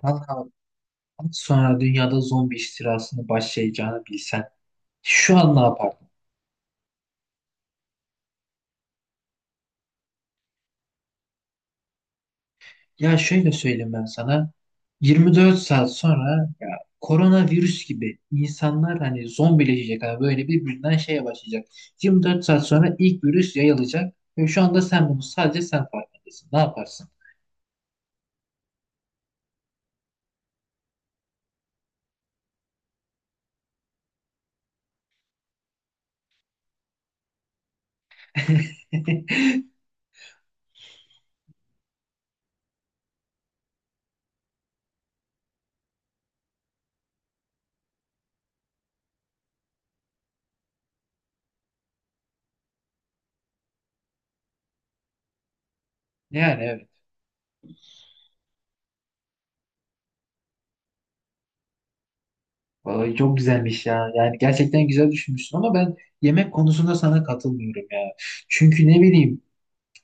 Kanka, az sonra dünyada zombi istilasını başlayacağını bilsen şu an ne yapardın? Ya şöyle söyleyeyim ben sana, 24 saat sonra ya, koronavirüs gibi insanlar hani zombileşecek, hani böyle birbirinden şeye başlayacak. 24 saat sonra ilk virüs yayılacak ve şu anda sen bunu, sadece sen farkındasın. Ne yaparsın? Yani evet. Vallahi çok güzelmiş ya. Yani gerçekten güzel düşünmüşsün ama ben yemek konusunda sana katılmıyorum ya. Çünkü ne bileyim,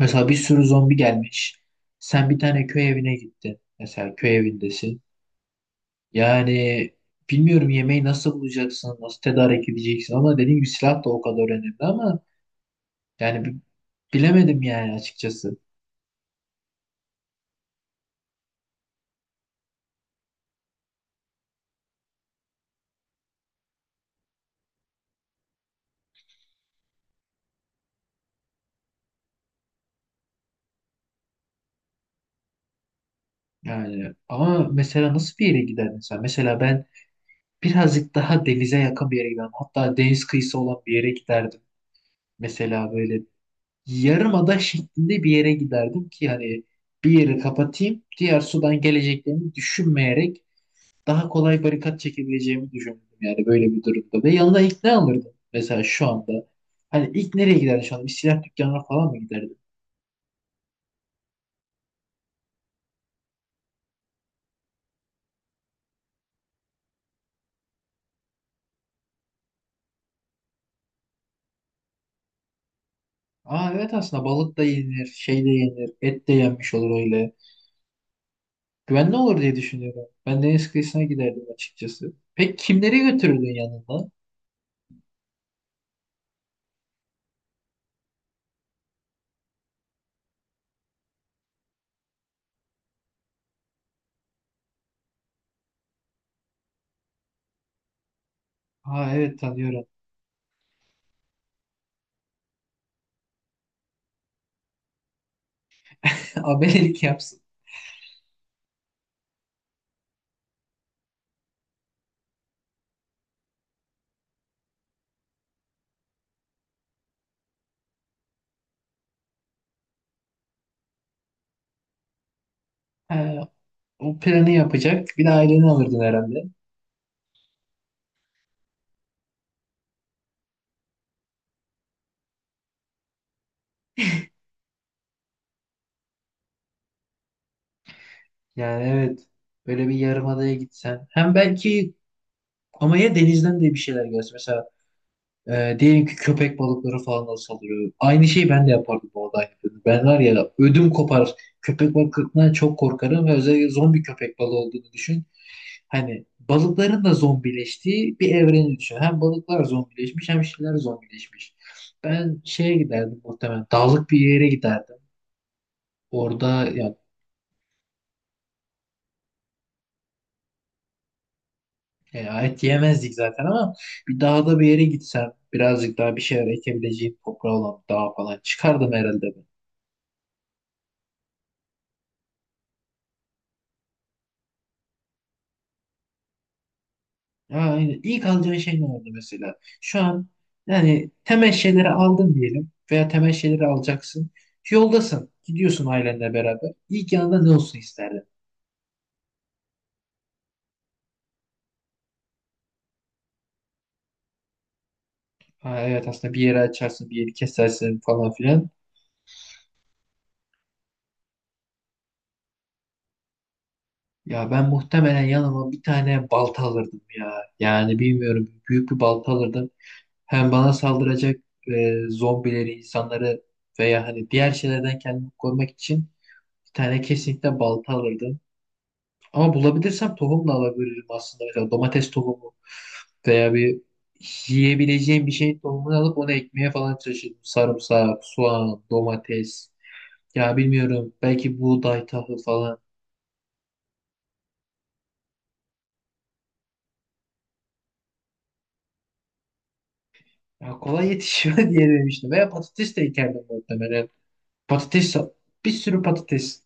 mesela bir sürü zombi gelmiş. Sen bir tane köy evine gittin. Mesela köy evindesin. Yani bilmiyorum yemeği nasıl bulacaksın, nasıl tedarik edeceksin, ama dediğim gibi silah da o kadar önemli ama yani bilemedim yani açıkçası. Yani ama mesela nasıl bir yere giderdin sen? Mesela ben birazcık daha denize yakın bir yere giderdim. Hatta deniz kıyısı olan bir yere giderdim. Mesela böyle yarımada şeklinde bir yere giderdim ki hani bir yeri kapatayım, diğer sudan geleceklerini düşünmeyerek daha kolay barikat çekebileceğimi düşündüm yani böyle bir durumda. Ve yanına ilk ne alırdım mesela şu anda? Hani ilk nereye giderdim şu anda? Bir silah dükkanına falan mı giderdim? Aa evet, aslında balık da yenilir, şey de yenilir, et de yenmiş olur öyle. Güvenli olur diye düşünüyorum. Ben deniz kıyısına giderdim açıkçası. Peki kimleri götürürdün yanında? Aa evet, tanıyorum. Abelik yapsın. Ha, o planı yapacak. Bir de aileni alırdın herhalde. Yani evet. Böyle bir yarımadaya gitsen. Hem belki ama ya denizden de bir şeyler görsen. Mesela diyelim ki köpek balıkları falan da saldırıyor. Aynı şeyi ben de yapardım bu arada. Ben var ya, ödüm kopar. Köpek balıklarından çok korkarım ve özellikle zombi köpek balığı olduğunu düşün. Hani balıkların da zombileştiği bir evreni düşün. Hem balıklar zombileşmiş hem şeyler zombileşmiş. Ben şeye giderdim muhtemelen. Dağlık bir yere giderdim. Orada ya, ya et yemezdik zaten ama bir dağda bir yere gitsem birazcık daha bir şeyler ekebileceğim toprağı olan bir dağa falan çıkardım herhalde. Yani ilk alacağın şey ne oldu mesela? Şu an yani temel şeyleri aldın diyelim veya temel şeyleri alacaksın. Yoldasın. Gidiyorsun ailenle beraber. İlk yanında ne olsun isterdin? Ha, evet aslında bir yere açarsın, bir yeri kesersin falan filan. Ya ben muhtemelen yanıma bir tane balta alırdım ya. Yani bilmiyorum, büyük bir balta alırdım. Hem bana saldıracak zombileri, insanları veya hani diğer şeylerden kendimi korumak için bir tane kesinlikle balta alırdım. Ama bulabilirsem tohum da alabilirim aslında. Mesela domates tohumu veya bir yiyebileceğim bir şeyin tohumunu alıp onu ekmeye falan çalışırım. Sarımsak, soğan, domates. Ya bilmiyorum, belki buğday, tahıl falan. Ya kolay yetişiyor diye demiştim. Veya patates de ekerdim muhtemelen. Patates, bir sürü patates.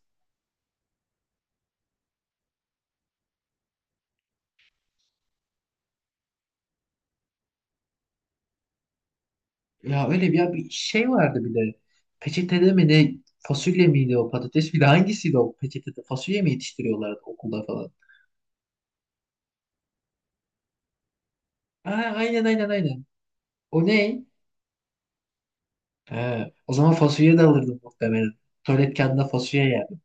Ya öyle bir, ya bir şey vardı bir de. Peçetede mi ne? Fasulye miydi, o patates miydi? Hangisiydi o peçetede? Fasulye mi yetiştiriyorlardı okulda falan? Aa, aynen, aynen, aynen. O ne? He, o zaman fasulye de alırdım muhtemelen. Tuvalet kağıdında fasulye yerdim.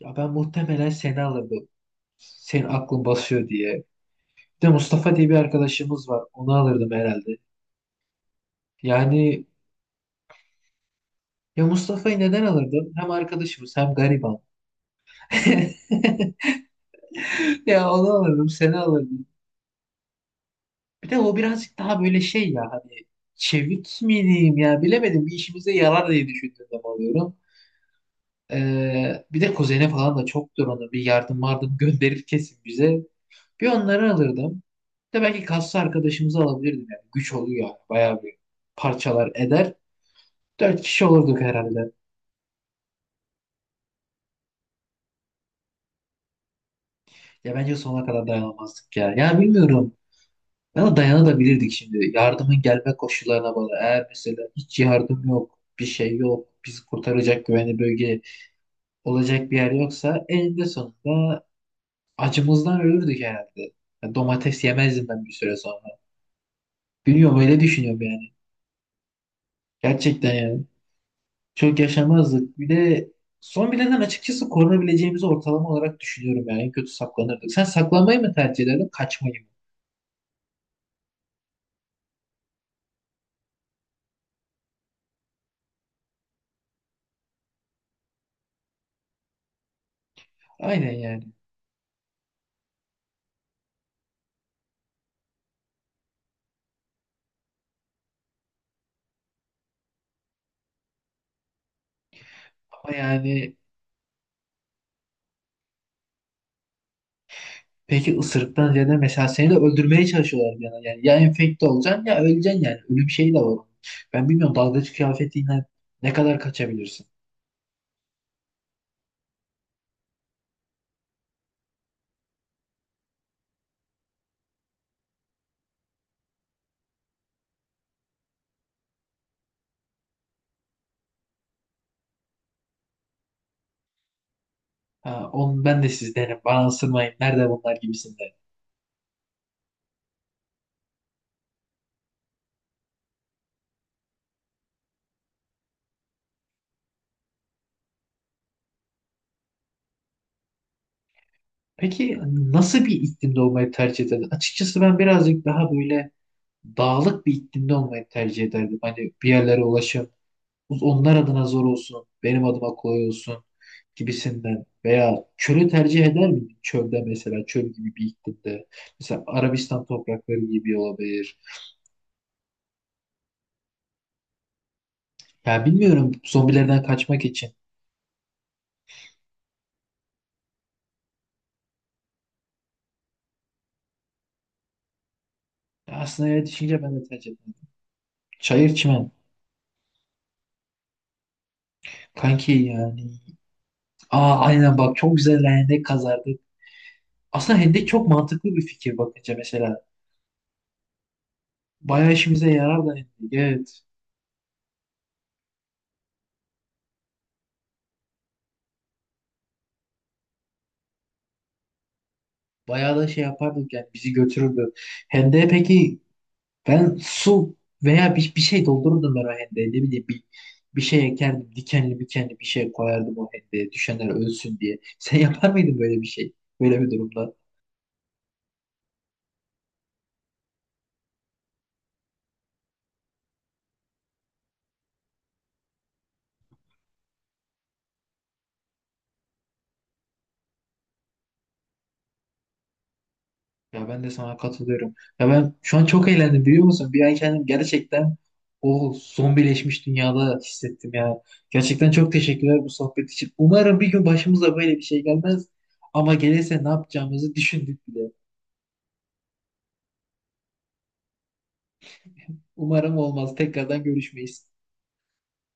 Ya ben muhtemelen seni alırdım. Senin aklın basıyor diye. Bir de Mustafa diye bir arkadaşımız var. Onu alırdım herhalde. Yani ya Mustafa'yı neden alırdım? Hem arkadaşımız hem gariban. Ya onu alırdım, seni alırdım. Bir de o birazcık daha böyle şey ya hani, çevik miyim? Ya bilemedim, bir işimize yarar diye düşündüğüm zaman alıyorum. Bir de kuzene falan da çoktur, onu bir yardım vardım gönderir kesin bize. Bir onları alırdım. Bir de belki kaslı arkadaşımızı alabilirdim. Yani güç oluyor yani. Bayağı bir parçalar eder. Dört kişi olurduk herhalde. Ya bence sonuna kadar dayanamazdık ya. Ya bilmiyorum. Ya dayanabilirdik şimdi. Yardımın gelme koşullarına bağlı. Eğer mesela hiç yardım yok, bir şey yok, bizi kurtaracak güvenli bölge olacak bir yer yoksa eninde sonunda acımızdan ölürdük herhalde. Ya domates yemezdim ben bir süre sonra. Bilmiyorum, öyle düşünüyorum yani. Gerçekten yani. Çok yaşamazdık. Bir de son bilenden açıkçası korunabileceğimizi ortalama olarak düşünüyorum yani. En kötü saklanırdık. Sen saklanmayı mı tercih ederdin, kaçmayı mı? Aynen yani. Ama yani, peki ısırıktan ziyade mesela seni de öldürmeye çalışıyorlar bir yana. Yani ya enfekte olacaksın ya öleceksin yani. Ölüm şeyi de var. Ben bilmiyorum, dalgıç kıyafetiyle ne kadar kaçabilirsin? Ha, onu ben de sizdenim. Bana ısırmayın. Nerede bunlar gibisinden. Peki nasıl bir iklimde olmayı tercih ederdin? Açıkçası ben birazcık daha böyle dağlık bir iklimde olmayı tercih ederdim. Hani bir yerlere ulaşım onlar adına zor olsun, benim adıma kolay olsun gibisinden. Veya çölü tercih eder miydim? Çölde, mesela çöl gibi bir iklimde. Mesela Arabistan toprakları gibi olabilir. Ya bilmiyorum, zombilerden kaçmak için. Ya aslında evet, düşünce ben de tercih ederim. Çayır çimen. Kanki yani. Aa aynen bak, çok güzel hendek kazardık. Aslında hendek çok mantıklı bir fikir bakınca mesela. Bayağı işimize yarar da hendek. Evet. Bayağı da şey yapardık yani, bizi götürürdü. Hendeye peki ben su veya bir şey doldururdum ben o hendeye, ne bileyim bir, bir şey ekerdim, dikenli dikenli bir şey koyardım o hendeye, düşenler ölsün diye. Sen yapar mıydın böyle bir şey? Böyle bir durumda. Ya ben de sana katılıyorum. Ya ben şu an çok eğlendim biliyor musun? Bir an kendim gerçekten o zombileşmiş dünyada hissettim ya. Gerçekten çok teşekkürler bu sohbet için. Umarım bir gün başımıza böyle bir şey gelmez. Ama gelirse ne yapacağımızı düşündük bile. Umarım olmaz. Tekrardan görüşmeyiz.